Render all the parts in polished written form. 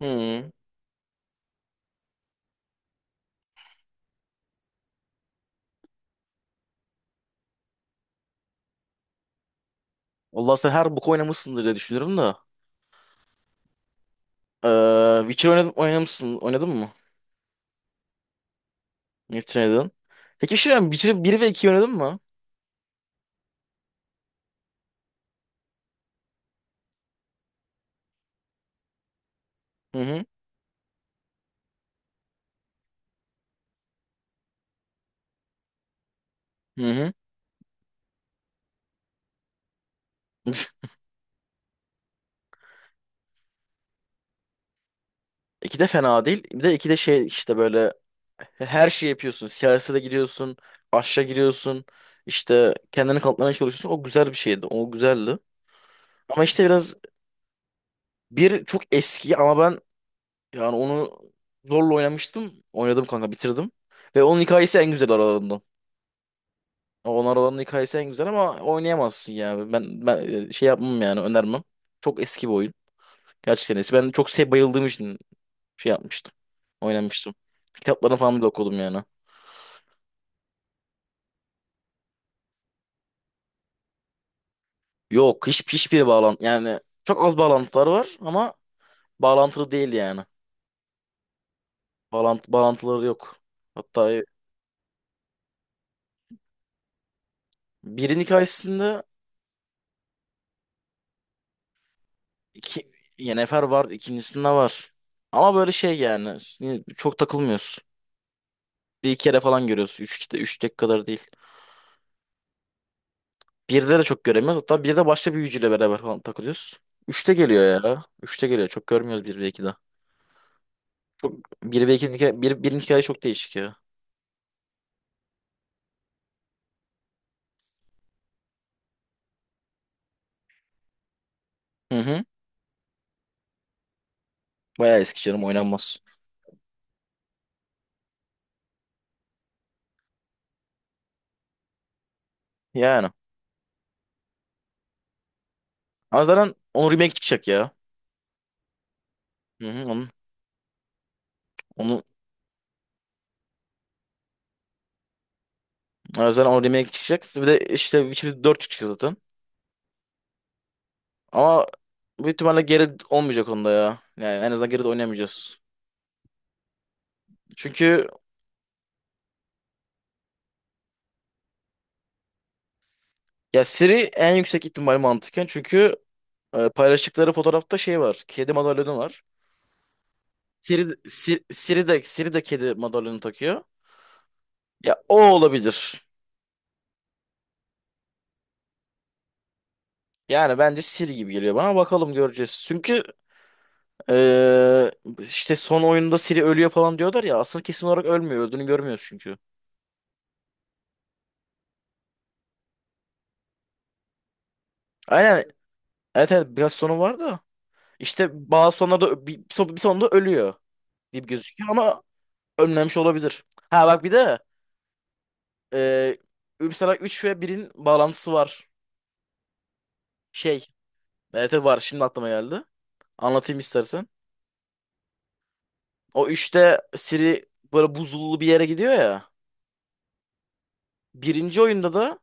Hmm. Vallahi sen her boku oynamışsındır diye düşünüyorum da. Witcher oynadım, oynamışsın. Oynadın mı? Witcher oynadın. Peki bir şey söyleyeyim. Witcher 1 ve 2 oynadın mı? Hı hı. Hı hı. 2 de fena değil. Bir de 2 de şey işte, böyle her şeyi yapıyorsun. Siyasete giriyorsun. Aşağı giriyorsun. İşte kendini kanıtlamaya çalışıyorsun. O güzel bir şeydi. O güzeldi. Ama işte biraz bir çok eski, ama ben yani onu zorla oynamıştım. Oynadım kanka, bitirdim. Ve onun hikayesi en güzel aralarından. Onar olanın hikayesi en güzel ama oynayamazsın yani. Ben şey yapmam yani önermem. Çok eski bir oyun. Gerçekten eski. Ben çok şey bayıldığım için şey yapmıştım. Oynamıştım. Kitaplarını falan bile okudum yani. Yok, hiç hiçbir bağlantı yani, çok az bağlantılar var ama bağlantılı değil yani. Bağlantı bağlantıları yok. Hatta birin hikayesinde iki Yennefer var, ikincisinde var. Ama böyle şey yani, çok takılmıyorsun. Bir iki kere falan görüyorsun. Üç tek kadar değil. Birde de çok göremiyoruz. Hatta birde başka bir büyücüyle beraber falan takılıyoruz. Üçte geliyor ya. Üçte geliyor. Çok görmüyoruz bir ve ikide. Çok, bir ve ikinin hikaye, bir, birinin hikaye çok değişik ya. Hı hı. Bayağı eski canım, oynanmaz. Yani. Ama zaten onun remake çıkacak ya. Hı hı. Onu, yani zaten onun remake çıkacak. Bir de işte Witcher 4 çıkacak zaten. Ama büyük ihtimalle geri olmayacak onda ya. Yani en azından geri de oynayamayacağız. Çünkü ya, seri en yüksek ihtimal mantıken. Çünkü paylaştıkları fotoğrafta şey var. Kedi madalyonu var. Siri de kedi madalyonu takıyor. Ya, o olabilir. Yani bence Siri gibi geliyor bana. Bakalım, göreceğiz. Çünkü eee, işte son oyunda Siri ölüyor falan diyorlar ya. Aslında kesin olarak ölmüyor. Öldüğünü görmüyoruz çünkü. Aynen. Evet, evet, biraz sonu var da. İşte bazı sonlarda bir sonunda ölüyor gibi gözüküyor ama ölmemiş olabilir. Ha bak, bir de eee mesela 3 ve birin bağlantısı var. Şey. Evet, evet, var. Şimdi aklıma geldi. Anlatayım istersen. O üçte Siri böyle buzullu bir yere gidiyor ya. Birinci oyunda da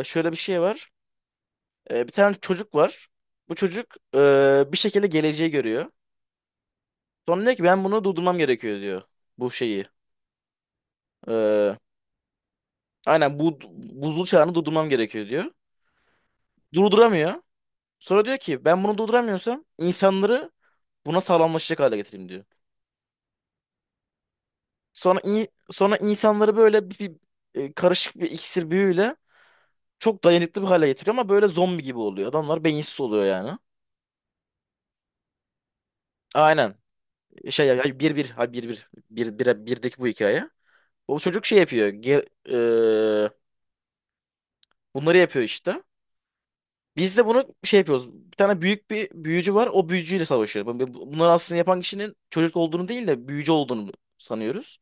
şöyle bir şey var. Bir tane çocuk var. Bu çocuk bir şekilde geleceği görüyor. Sonra diyor ki ben bunu durdurmam gerekiyor diyor. Bu şeyi. E, aynen bu buzul çağını durdurmam gerekiyor diyor. Durduramıyor. Sonra diyor ki ben bunu durduramıyorsam insanları buna sağlamlaşacak hale getireyim diyor. Sonra sonra insanları böyle karışık bir iksir büyüyle çok dayanıklı bir hale getiriyor ama böyle zombi gibi oluyor. Adamlar beyinsiz oluyor yani. Aynen. Birdeki bu hikaye. O çocuk şey yapıyor. Eee, Bunları yapıyor işte. Biz de bunu şey yapıyoruz. Bir tane büyük bir büyücü var. O büyücüyle savaşıyor. Bunları aslında yapan kişinin çocuk olduğunu değil de büyücü olduğunu sanıyoruz.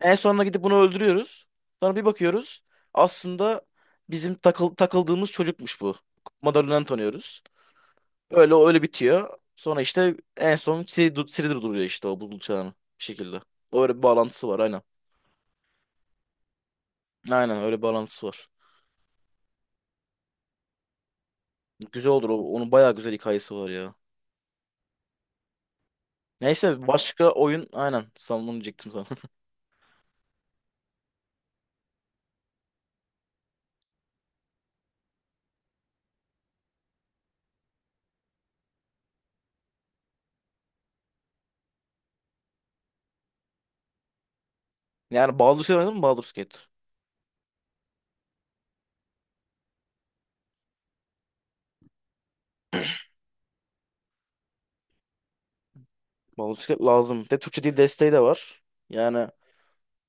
En sonunda gidip bunu öldürüyoruz. Sonra bir bakıyoruz. Aslında bizim takıldığımız çocukmuş bu. Madalyondan tanıyoruz. Öyle öyle bitiyor. Sonra işte en son Siri durduruyor işte o buzul çağını bir şekilde. Öyle bir bağlantısı var aynen. Aynen, öyle bir bağlantısı var. Güzel olur. Onun bayağı güzel hikayesi var ya. Neyse, başka oyun aynen. Sana onu diyecektim sana. Yani Baldur's Gate oynadın mı, Baldur's Gate? Baldur's Gate lazım. De Türkçe dil desteği de var. Yani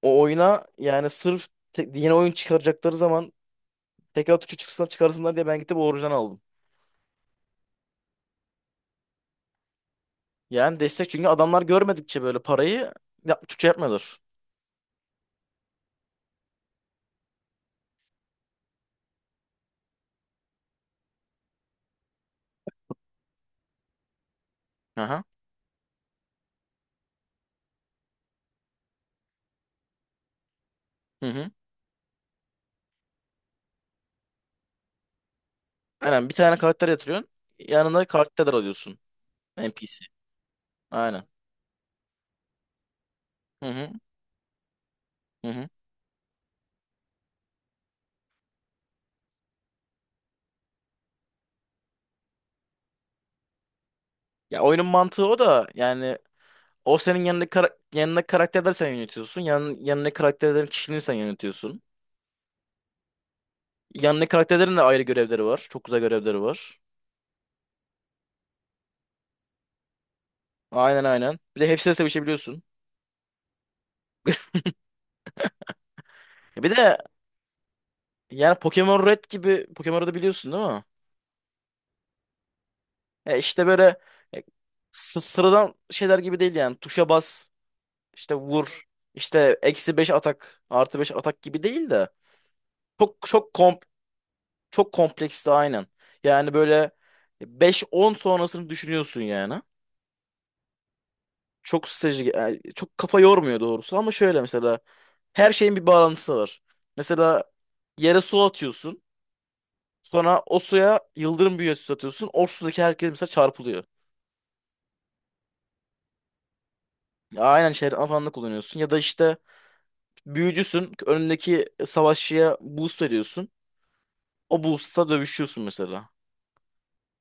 o oyuna, yani sırf yeni oyun çıkaracakları zaman tekrar Türkçe çıkarsınlar diye ben gidip orijinal aldım. Yani destek, çünkü adamlar görmedikçe böyle parayı ya, Türkçe yapmıyorlar. Aha. Hı hı. Aynen, bir tane karakter yatırıyorsun. Yanına karakter alıyorsun. NPC. Aynen. Hı hı. Hı hı. Ya, oyunun mantığı o da yani, o senin yanındaki karakterleri sen yönetiyorsun. Yanındaki karakterlerin kişiliğini sen yönetiyorsun. Yanındaki karakterlerin de ayrı görevleri var. Çok güzel görevleri var. Aynen, aynen. Bir de hepsiyle sevişebiliyorsun. Ya, bir de yani Pokemon Red gibi, Pokemon Red'i biliyorsun değil mi? İşte böyle e, sıradan şeyler gibi değil yani. Tuşa bas işte, vur işte, eksi 5 atak artı 5 atak gibi değil de, çok çok komp çok kompleksti aynen. Yani böyle beş on sonrasını düşünüyorsun yani. Çok strateji yani, çok kafa yormuyor doğrusu, ama şöyle mesela her şeyin bir bağlantısı var. Mesela yere su atıyorsun. Sonra o suya yıldırım büyücüsü atıyorsun. O sudaki herkes mesela çarpılıyor. Aynen, şeyler falan da kullanıyorsun. Ya da işte, büyücüsün. Önündeki savaşçıya boost veriyorsun. O boost'la dövüşüyorsun mesela.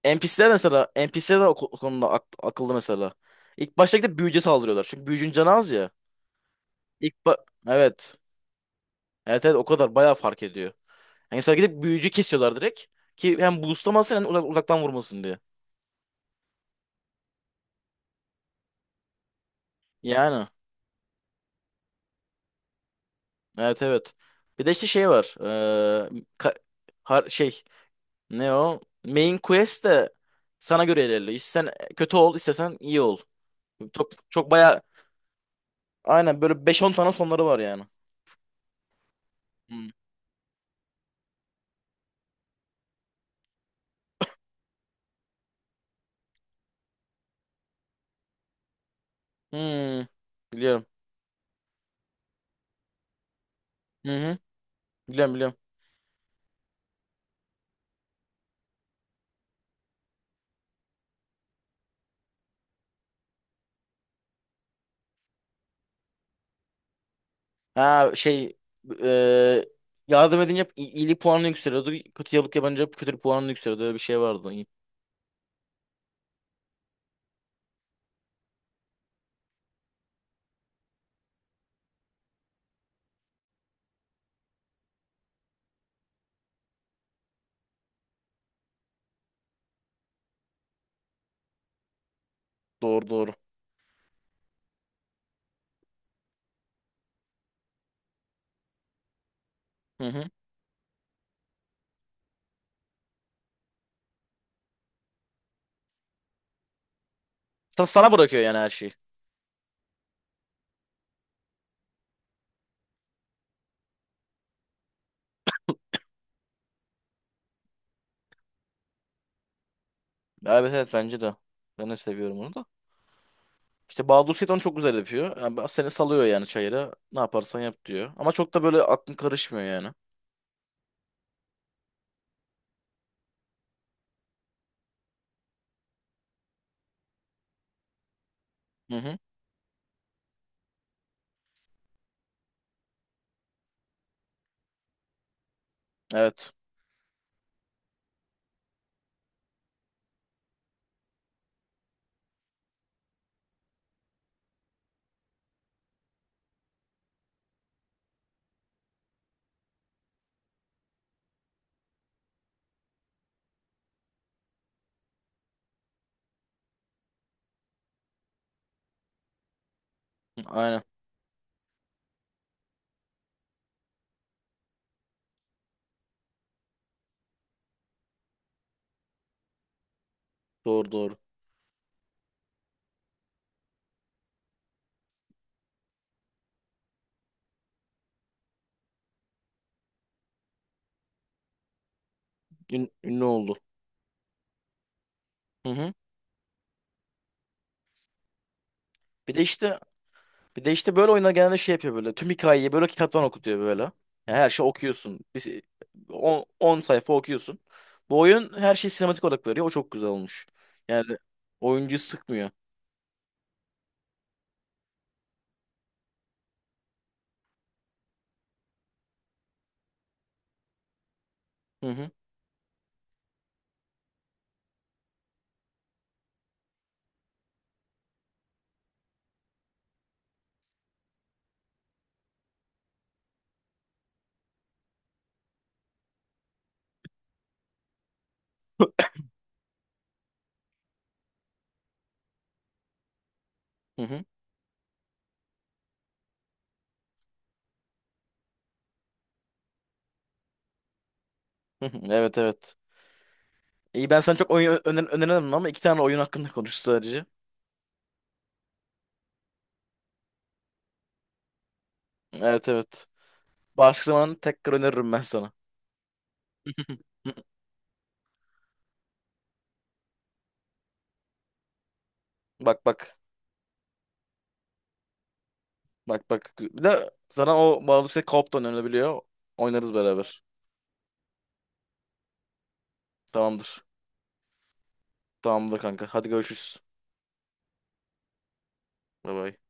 NPC'ler mesela, NPC'ler o o konuda akıllı mesela. İlk başta gidip büyücüye saldırıyorlar. Çünkü büyücünün canı az ya. İlk ba- evet. Evet, evet, o kadar bayağı fark ediyor. Yani mesela gidip büyücü kesiyorlar direkt. Ki hem boostlamasın hem uzaktan vurmasın diye. Yani evet, evet. Bir de işte şey var. Ka- har- şey Ne o? Main quest de sana göre ilerliyor. İstersen kötü ol, istersen iyi ol. Çok, çok bayağı aynen, böyle beş on tane sonları var yani. Hmm. Hmm. Biliyorum. Hı hı. Biliyorum, biliyorum. Ha şey e, Yardım edince hep iyilik puanını yükseliyordu. Kötülük yapınca hep kötülük puanını yükseliyordu. Öyle bir şey vardı. İyi. Doğru, doğru. Hı hı. Sana bırakıyor yani, her şeyi. Evet, evet, bence de. Ben de seviyorum onu da. İşte Bahadır Seyit onu çok güzel yapıyor. Yani seni salıyor yani çayıra. Ne yaparsan yap diyor. Ama çok da böyle aklın karışmıyor yani. Hı hı. Evet. Aynen. Doğru, doğru. Ünlü oldu. Hı hı. Bir de işte Bir de işte böyle oyunlar genelde şey yapıyor böyle. Tüm hikayeyi böyle kitaptan okutuyor böyle. Yani her şey okuyorsun. 10 sayfa okuyorsun. Bu oyun her şeyi sinematik olarak veriyor. O çok güzel olmuş. Yani oyuncuyu sıkmıyor. Hı hı. Hı hı. Hı hı. Evet, evet. İyi, ben sana çok oyun öneremem ama iki tane oyun hakkında konuştuk sadece. Evet, evet. Başka zaman tekrar öneririm ben sana. Bak, bak. Bak, bak. Bir de sana o Baldur's Gate co-op da önerilebiliyor. Oynarız beraber. Tamamdır. Tamamdır kanka. Hadi görüşürüz. Bye bye.